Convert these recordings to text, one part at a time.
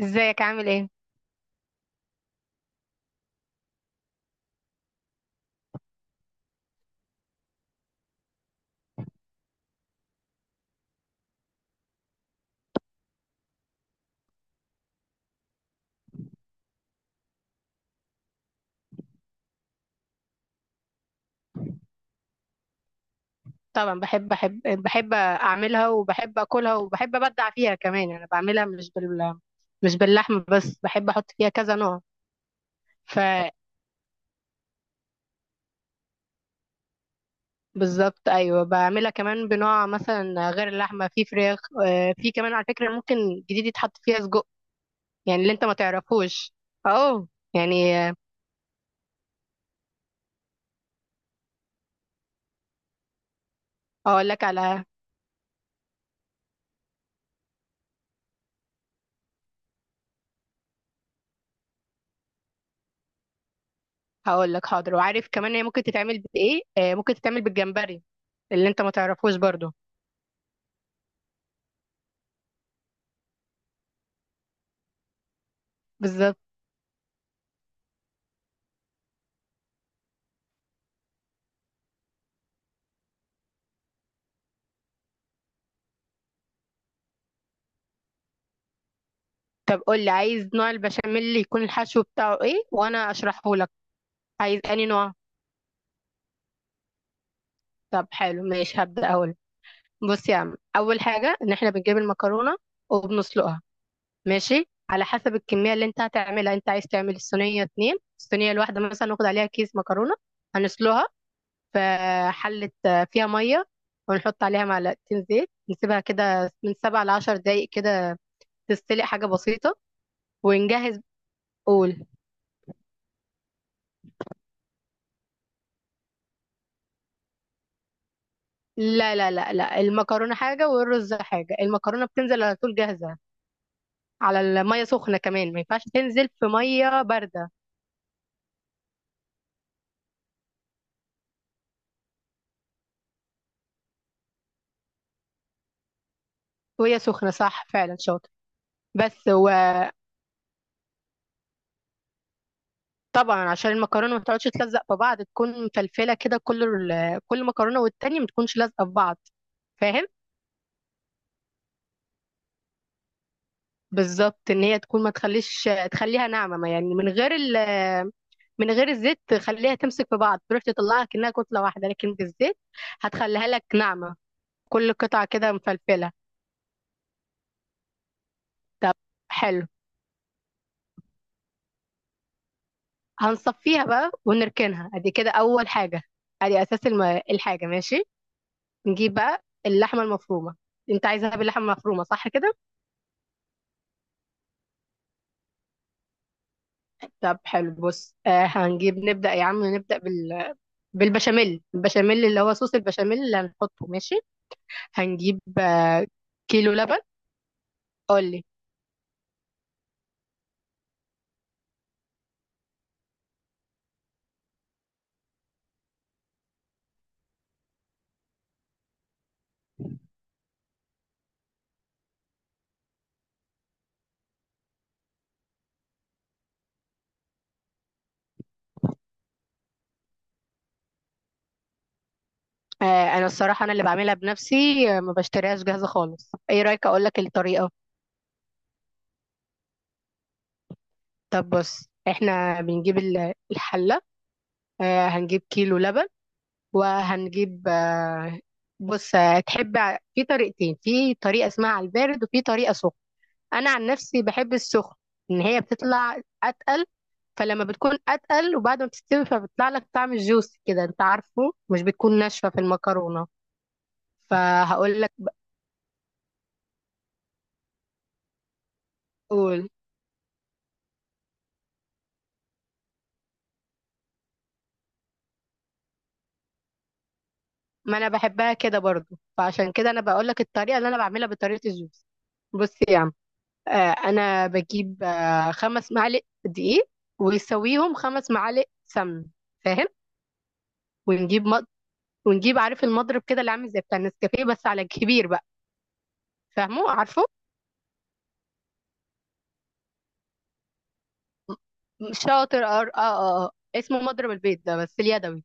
ازيك عامل ايه؟ طبعا بحب بحب بحب اعملها، وبحب اكلها، وبحب ابدع فيها كمان. انا بعملها مش باللحم بس، بحب احط فيها كذا نوع. ف بالظبط، ايوه بعملها كمان بنوع مثلا غير اللحمه، في فراخ. في كمان على فكره ممكن جديد يتحط فيها سجق، يعني اللي انت ما تعرفوش. اه يعني آه، اقول لك على... هقول لك حاضر. وعارف كمان هي ممكن تتعمل بايه؟ ممكن تتعمل بالجمبري، اللي انت ما تعرفوش برضو. بالظبط. طب قول لي، عايز نوع البشاميل اللي يكون الحشو بتاعه ايه وانا اشرحه لك. عايز اني نوع. طب حلو، ماشي هبدأ اقول. بص يا عم، اول حاجة ان احنا بنجيب المكرونة وبنسلقها. ماشي، على حسب الكمية اللي انت هتعملها. انت عايز تعمل الصينية اتنين، الصينية الواحدة مثلا ناخد عليها كيس مكرونة. هنسلقها في حلة فيها مية، ونحط عليها معلقتين زيت. نسيبها كده من سبع لعشر دقايق كده تستلق، حاجة بسيطة. ونجهز. قول. لا لا لا لا، المكرونة حاجة والرز حاجة. المكرونة بتنزل على طول جاهزة على المية سخنة، كمان ما ينفعش تنزل في مية باردة. وهي سخنة، صح فعلا شاطر. بس. وطبعا عشان المكرونة ما تقعدش تلزق في بعض تكون مفلفلة كده، كل كل مكرونة والتانية ما تكونش لازقة في بعض. فاهم. بالظبط، ان هي تكون، ما تخليش، تخليها ناعمة. ما يعني من غير الزيت تخليها تمسك في بعض، تروح تطلعها كأنها كتلة واحدة، لكن بالزيت هتخليها لك ناعمة، كل قطعة كده مفلفلة. طب حلو. هنصفيها بقى ونركنها ادي كده اول حاجه، ادي اساس الحاجه. ماشي. نجيب بقى اللحمه المفرومه. انت عايزها باللحمه المفرومه صح كده؟ طب حلو. بص، هنجيب، نبدا يا عم، بالبشاميل. اللي هو صوص البشاميل اللي هنحطه. ماشي. هنجيب كيلو لبن. قول لي. آه انا الصراحه انا اللي بعملها بنفسي، ما بشتريهاش جاهزه خالص. ايه رايك اقول لك الطريقه؟ طب بص، احنا بنجيب الحله. هنجيب كيلو لبن. وهنجيب آه، بص آه، تحب في طريقتين، في طريقة اسمها على البارد وفي طريقة سخن. أنا عن نفسي بحب السخن، إن هي بتطلع أتقل. فلما بتكون أتقل وبعد ما بتستوي، فبيطلع لك طعم الجوس كده، أنت عارفه مش بتكون ناشفة في المكرونة. فهقول لك. بقول. ما أنا بحبها كده برضو، فعشان كده أنا بقول لك الطريقة اللي أنا بعملها بطريقة الجوس. بص يا عم. آه، انا بجيب خمس معالق دقيق، ويسويهم خمس معالق سمن. فاهم. ونجيب مض... ونجيب، عارف المضرب كده، اللي عامل زي بتاع النسكافيه بس على كبير بقى. فاهمه عارفه شاطر. اسمه مضرب البيض ده بس اليدوي.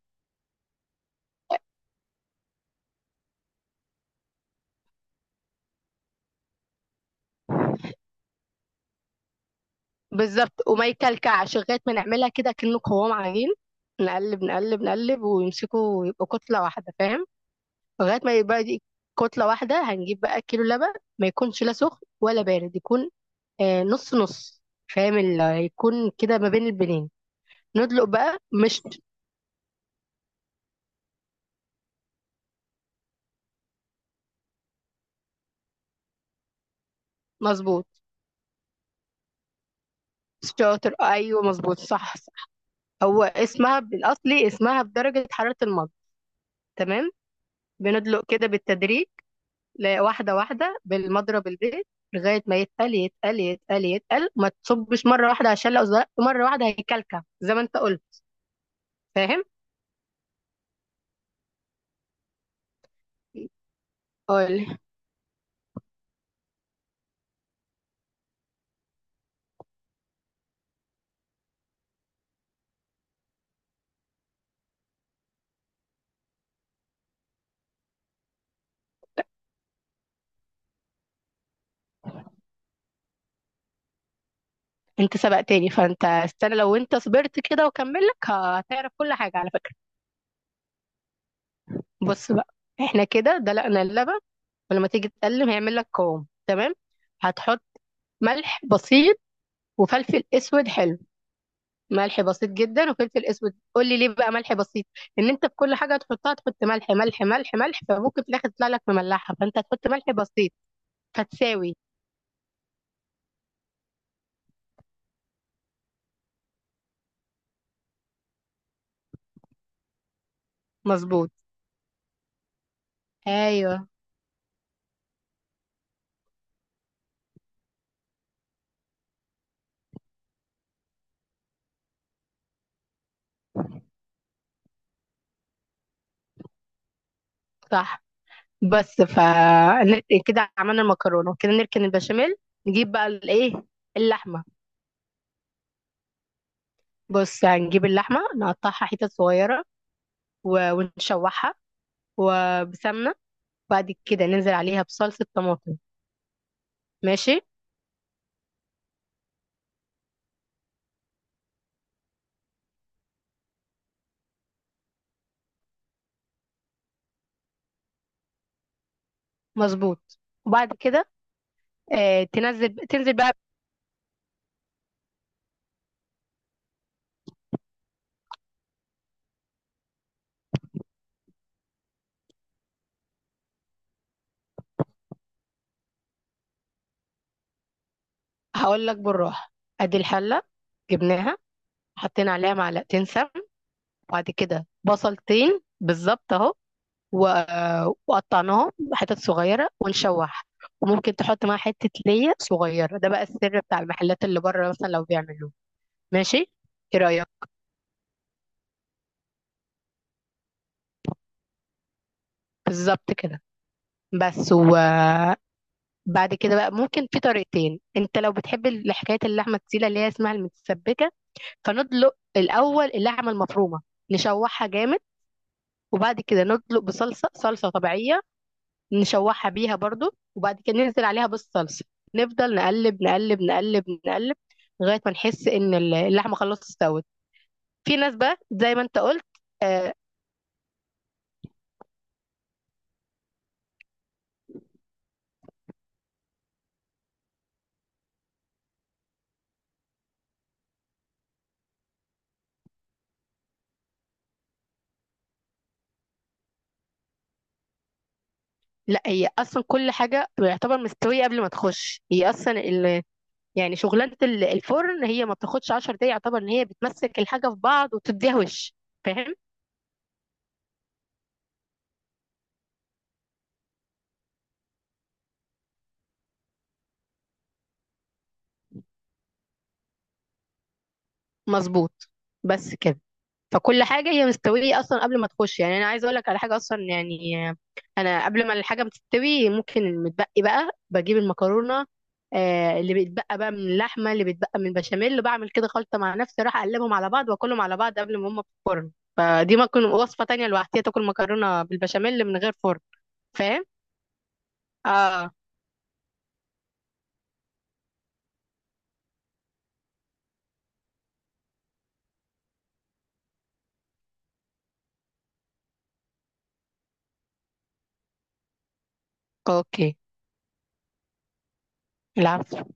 بالظبط، وما يكلكعش لغايه ما نعملها كده كأنه قوام عجين، نقلب نقلب نقلب، ويمسكوا ويبقوا كتله واحده. فاهم. لغايه ما يبقى دي كتله واحده. هنجيب بقى كيلو لبن. ما يكونش لا سخن ولا بارد، يكون نص نص. فاهم، اللي هيكون كده ما بين البنين. ندلق بقى مشط. مظبوط. شاطر ايوه، مظبوط صح صح. هو اسمها بالاصلي اسمها بدرجه حراره المضغ. تمام. بندلق كده بالتدريج، واحده واحده بالمضرب البيت، لغايه ما يتقل يتقل يتقل يتقل. ما تصبش مره واحده، عشان لو زرقت مره واحده هيكلكع زي ما انت قلت. فاهم. قول. انت سبقتني، فانت استنى، لو انت صبرت كده وكملك هتعرف كل حاجه على فكره. بص بقى، احنا كده دلقنا اللبن، ولما تيجي تقلم هيعمل لك قوام تمام. هتحط ملح بسيط وفلفل اسود حلو. ملح بسيط جدا وفلفل اسود. قول لي ليه بقى ملح بسيط؟ ان انت في كل حاجه هتحطها تحط ملح ملح ملح ملح، فممكن في الاخر تطلع لك مملحه، فانت هتحط ملح بسيط فتساوي. مظبوط ايوه صح. بس ف كده عملنا المكرونه كده، نركن البشاميل. نجيب بقى الايه، اللحمه. بص هنجيب اللحمه، نقطعها حتت صغيره ونشوحها وبسمنة. بعد كده ننزل عليها بصلصة طماطم. ماشي. مظبوط. وبعد كده تنزل تنزل بقى. هقول لك بالراحة. ادي الحلة جبناها، حطينا عليها معلقتين سمن. بعد كده بصلتين بالظبط اهو، وقطعناهم حتت صغيرة ونشوح. وممكن تحط معاها حتة ليا صغيرة، ده بقى السر بتاع المحلات اللي بره مثلا لو بيعملوه. ماشي. ايه رأيك؟ بالظبط كده. بس و بعد كده بقى ممكن في طريقتين. انت لو بتحب حكايه اللحمه التقيله اللي هي اسمها المتسبكه، فندلق الاول اللحمه المفرومه نشوحها جامد، وبعد كده ندلق بصلصه طبيعيه نشوحها بيها برضو، وبعد كده ننزل عليها بالصلصه، نفضل نقلب نقلب نقلب نقلب لغايه ما نحس ان اللحمه خلاص استوت. في ناس بقى زي ما انت قلت. آه لا هي اصلا كل حاجه يعتبر مستويه قبل ما تخش هي اصلا، يعني شغلانة الفرن هي ما بتاخدش 10 دقايق، يعتبر ان هي بتمسك الحاجة في بعض وتديها وش. فاهم. مظبوط. بس كده. فكل حاجة هي مستوية أصلا قبل ما تخش. يعني أنا عايزة أقول لك على حاجة أصلا، يعني أنا قبل ما الحاجة بتستوي ممكن المتبقي بقى بجيب المكرونة، اللي بيتبقى بقى من اللحمة اللي بيتبقى من البشاميل، اللي بعمل كده خلطة مع نفسي، أروح أقلبهم على بعض وأكلهم على بعض قبل ما هما في الفرن. فدي ممكن وصفة تانية لوحدها، تاكل مكرونة بالبشاميل من غير فرن. فاهم؟ اه. اوكي. العفو.